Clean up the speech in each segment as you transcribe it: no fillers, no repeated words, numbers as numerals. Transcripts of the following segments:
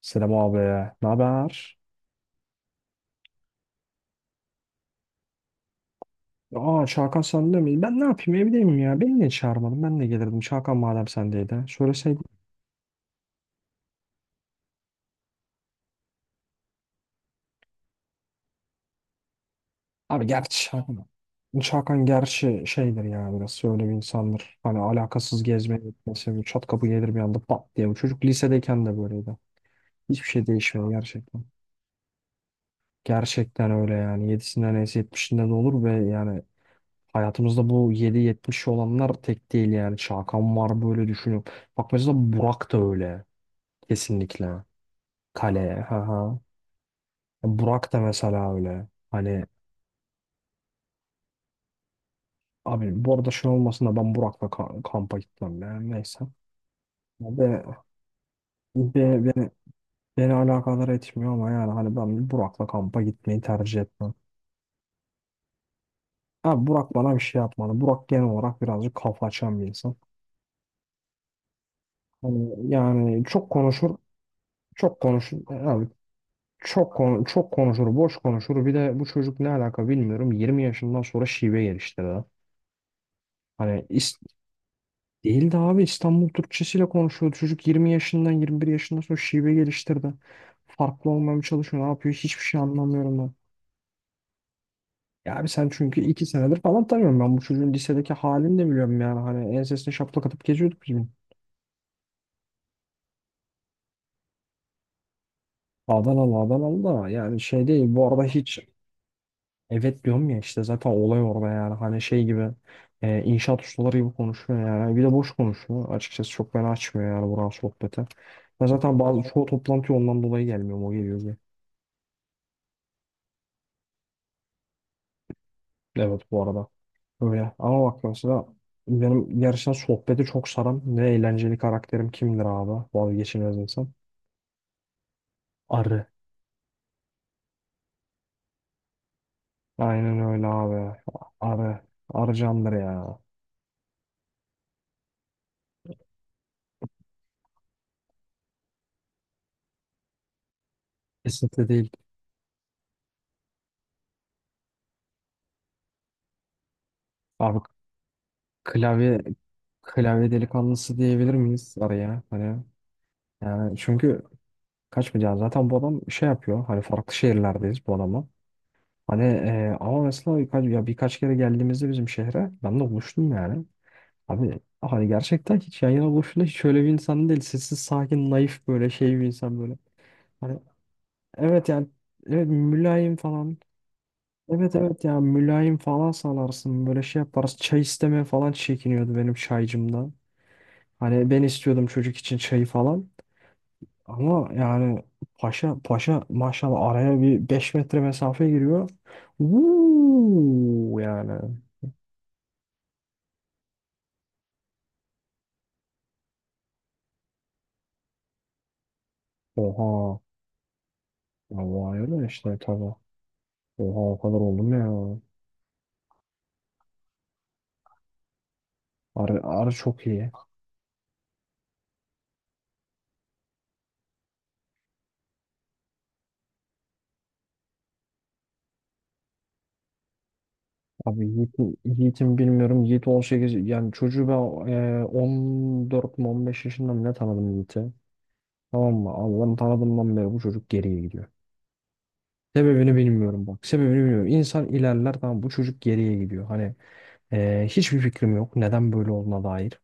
Selam abi. Ne haber? Aa, Çağkan sende mi? Ben ne yapayım, evdeyim ya. Beni niye çağırmadın? Ben de gelirdim. Çağkan madem sendeydi, söyleseydin. Abi gerçi Çağkan. Çağkan gerçi şeydir ya, biraz öyle bir insandır. Hani alakasız gezmeye gitmesi. Çat kapı gelir bir anda, pat diye. Bu çocuk lisedeyken de böyleydi. Hiçbir şey değişmiyor gerçekten. Gerçekten öyle yani. Yedisinden neyse yetmişinde de olur ve yani hayatımızda bu 7-70 olanlar tek değil yani. Çağkan var, böyle düşünüyorum. Bak mesela Burak da öyle. Kesinlikle. Kale. Ha ha. Burak da mesela öyle. Hani abi bu arada şey olmasın da ben Burak'la kampa gitmem yani, neyse. Ve, ve beni alakadar etmiyor ama yani hani ben Burak'la kampa gitmeyi tercih etmem. Abi Burak bana bir şey yapmadı. Burak genel olarak birazcık kafa açan bir insan. Hani yani çok konuşur, çok konuşur. Abi çok konuşur, boş konuşur. Bir de bu çocuk ne alaka bilmiyorum. 20 yaşından sonra şive geliştirdi. Hani is- Değildi abi, İstanbul Türkçesiyle konuşuyordu. Çocuk 20 yaşından 21 yaşından sonra şive geliştirdi. Farklı olmamaya çalışıyor. Ne yapıyor? Hiçbir şey anlamıyorum ben. Ya abi sen çünkü 2 senedir falan tanıyorum, ben bu çocuğun lisedeki halini de biliyorum yani. Hani ensesine şaplak atıp geziyorduk biz bunu. Adanalı, Adanalı da yani şey değil. Bu arada hiç, evet, diyorum ya, işte zaten olay orada yani. Hani şey gibi, inşaat ustaları gibi konuşuyor yani. Bir de boş konuşuyor. Açıkçası çok beni açmıyor yani buranın sohbeti. Ben zaten bazı çoğu toplantıya ondan dolayı gelmiyorum. O geliyor. Evet, bu arada. Öyle. Ama bak mesela benim gerçekten sohbeti çok saran ve eğlenceli karakterim kimdir abi? Vazgeçilmez insan. Arı. Aynen öyle abi. Arı. Arı candır ya. Kesinlikle değil. Abi klavye klavye delikanlısı diyebilir miyiz Arı'ya? Hani yani çünkü kaçmayacağız. Zaten bu adam şey yapıyor. Hani farklı şehirlerdeyiz bu adama. Hani ama mesela birkaç, ya birkaç kere geldiğimizde bizim şehre ben de buluştum yani. Abi hani gerçekten hiç yan yana boşuna hiç öyle bir insan değil. Sessiz, sakin, naif, böyle şey bir insan böyle. Hani evet yani, evet, mülayim falan. Evet evet ya, mülayim falan sanarsın, böyle şey yaparız. Çay istemeye falan çekiniyordu benim çaycımdan. Hani ben istiyordum çocuk için çayı falan. Ama yani paşa paşa maşallah araya bir 5 metre mesafe giriyor. Uuu yani. Oha. Ya vay, öyle işte tabii. Oha, o kadar oldu mu ya? Arı, Arı çok iyi. Abi Yiğit'in bilmiyorum. Yiğit 18, yani çocuğu ben 14 mü 15 yaşında mı ne tanıdım Yiğit'i. Tamam mı? Abi ben tanıdığımdan beri bu çocuk geriye gidiyor. Sebebini bilmiyorum bak. Sebebini bilmiyorum. İnsan ilerler, tamam, bu çocuk geriye gidiyor. Hani hiçbir fikrim yok. Neden böyle olduğuna dair.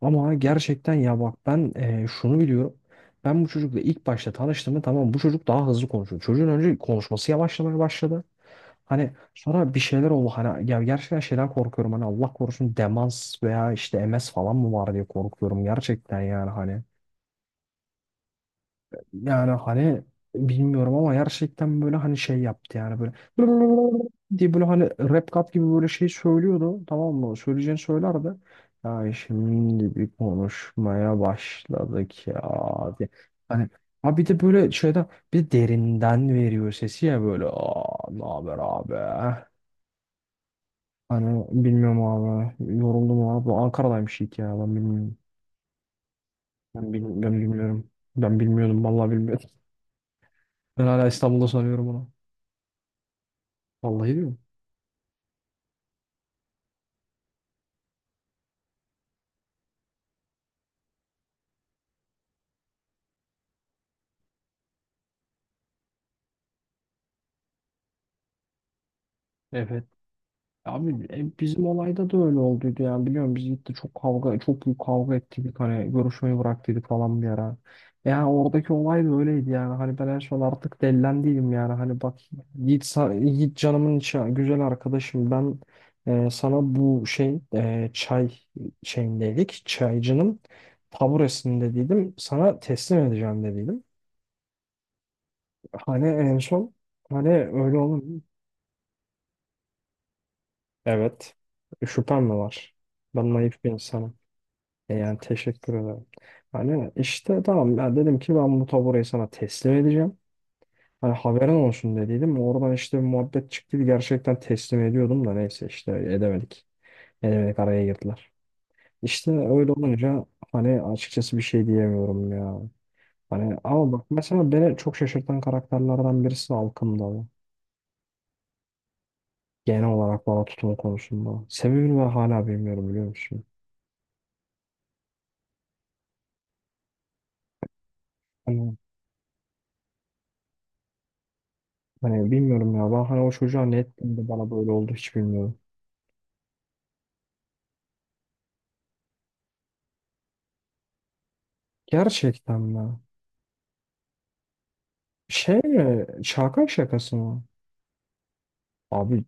Ama gerçekten ya bak, ben şunu biliyorum. Ben bu çocukla ilk başta tanıştığımda tamam, bu çocuk daha hızlı konuşuyor. Çocuğun önce konuşması yavaşlamaya başladı. Hani sonra bir şeyler oldu. Hani ya gerçekten şeyden korkuyorum. Hani Allah korusun, demans veya işte MS falan mı var diye korkuyorum gerçekten yani, hani. Yani hani bilmiyorum ama gerçekten böyle hani şey yaptı yani, böyle diye, böyle hani rap kat gibi, böyle şey söylüyordu, tamam mı? Söyleyeceğini söylerdi. Ya şimdi bir konuşmaya başladık ya, diye. Hani, ha, bir de böyle şeyden, bir de derinden veriyor sesi ya, böyle, aa ne haber abi? Hani bilmiyorum abi, yoruldum abi. Ankara'daymış ilk, ya ben bilmiyorum. Ben bilmiyorum. Ben bilmiyordum vallahi, bilmiyordum. Ben hala İstanbul'da sanıyorum. Vallahi diyorum. Evet. Abi bizim olayda da öyle olduydu yani, biliyorum biz gitti, çok kavga, çok büyük kavga ettik, hani görüşmeyi bıraktıydık falan bir ara. Yani oradaki olay da öyleydi yani, hani ben en son artık dellendiydim yani, hani bak, Yiğit, Yiğit canımın içi güzel arkadaşım, ben sana bu şey çay şeyindeydik, çaycının taburesinde, dedim sana teslim edeceğim dediydim. Hani en son, hani öyle olur. Evet. Şüphem mi var? Ben naif bir insanım. E yani teşekkür ederim. Hani işte tamam, ben dedim ki ben bu taburayı sana teslim edeceğim. Hani haberin olsun, dediydim. Oradan işte bir muhabbet çıktı. Gerçekten teslim ediyordum da neyse işte edemedik. Edemedik, araya girdiler. İşte öyle olunca hani açıkçası bir şey diyemiyorum ya. Hani ama bak mesela beni çok şaşırtan karakterlerden birisi halkımda, bu. Genel olarak bana tutumu konusunda. Sebebini ben hala bilmiyorum, biliyor musun? Hani Hani bilmiyorum ya. Ben hani o çocuğa ne ettim de bana böyle oldu hiç bilmiyorum. Gerçekten mi? Şey mi? Şaka şakası mı? Abi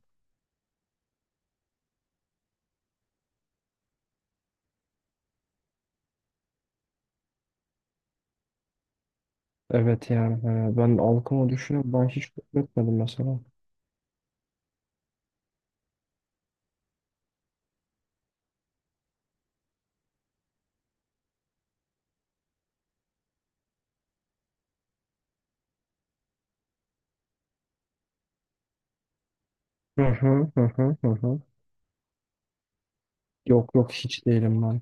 evet yani. Hani ben halkımı düşünüp ben hiç etmedim mesela. Hı hı hı hı hı hı. Yok yok, hiç değilim ben.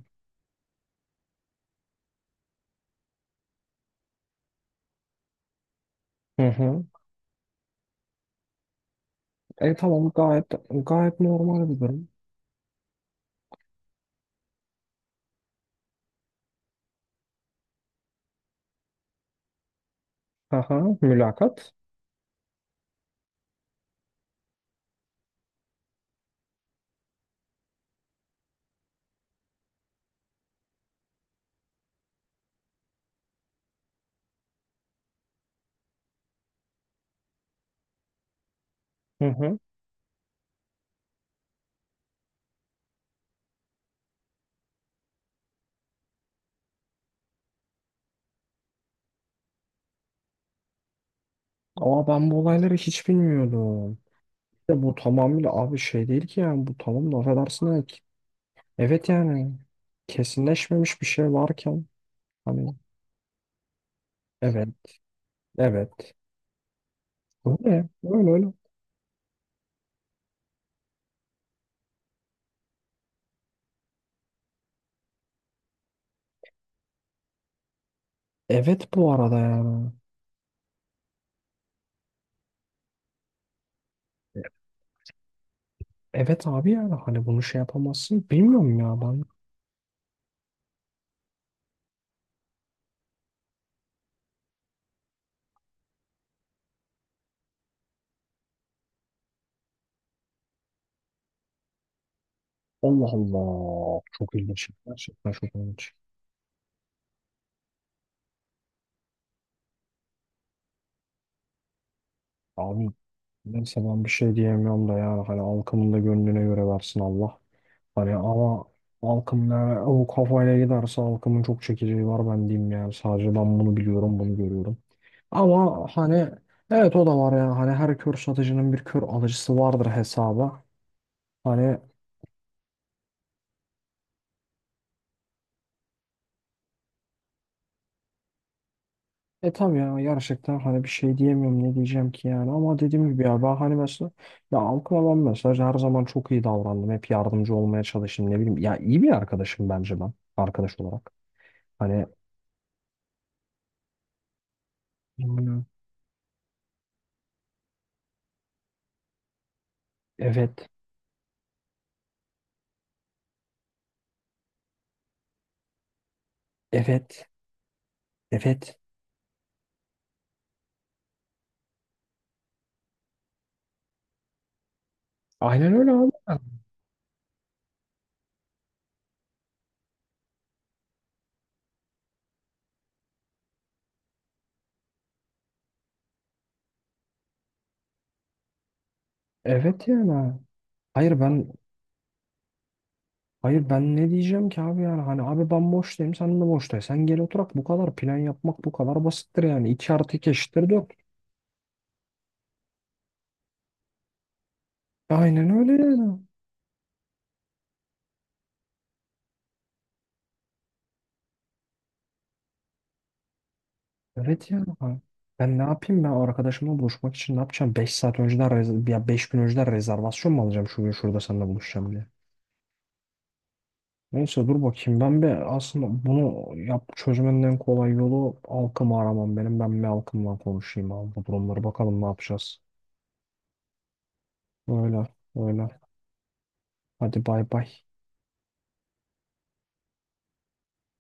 Hı hı. E tamam, gayet gayet normal bir durum. Hı hı. Mülakat. Hı hı. Ama ben bu olayları hiç bilmiyordum. De bu tamamıyla abi şey değil ki yani, bu tamam laf edersin. Evet yani, kesinleşmemiş bir şey varken hani, evet evet, öyle öyle öyle. Evet, bu arada yani. Evet abi yani, hani bunu şey yapamazsın. Bilmiyorum ya ben. Allah Allah. Çok ilginç. Gerçekten çok ilginç. Abi neyse, ben bir şey diyemiyorum da yani, hani halkımın da gönlüne göre versin Allah. Hani ama halkım ne, o kafayla giderse halkımın çok çekeceği var, ben diyeyim yani. Sadece ben bunu biliyorum, bunu görüyorum. Ama hani evet, o da var ya, hani her kör satıcının bir kör alıcısı vardır hesaba. Hani e tabii ya, gerçekten hani bir şey diyemiyorum ne diyeceğim ki yani, ama dediğim gibi ya, ben hani mesela ya halkıma ben mesela her zaman çok iyi davrandım, hep yardımcı olmaya çalıştım, ne bileyim ya, iyi bir arkadaşım bence ben arkadaş olarak. Hani. Yani. Evet evet evet, aynen öyle abi, evet yani, hayır ben Hayır ben ne diyeceğim ki abi yani, hani abi ben boştayım, sen de boştayım. Sen gel oturak, bu kadar plan yapmak bu kadar basittir yani. 2 artı 2 eşittir 4. Aynen öyle yani. Evet yani. Ha. Ben ne yapayım, ben arkadaşımla buluşmak için ne yapacağım? 5 saat önceden ya 5 gün önceden rezervasyon mu alacağım şu gün şurada seninle buluşacağım diye. Neyse dur bakayım, ben bir aslında bunu yap, çözümün en kolay yolu halkımı aramam benim. Ben bir halkımla konuşayım abi, bu durumları bakalım ne yapacağız. Öyle, öyle. Hadi bay bay.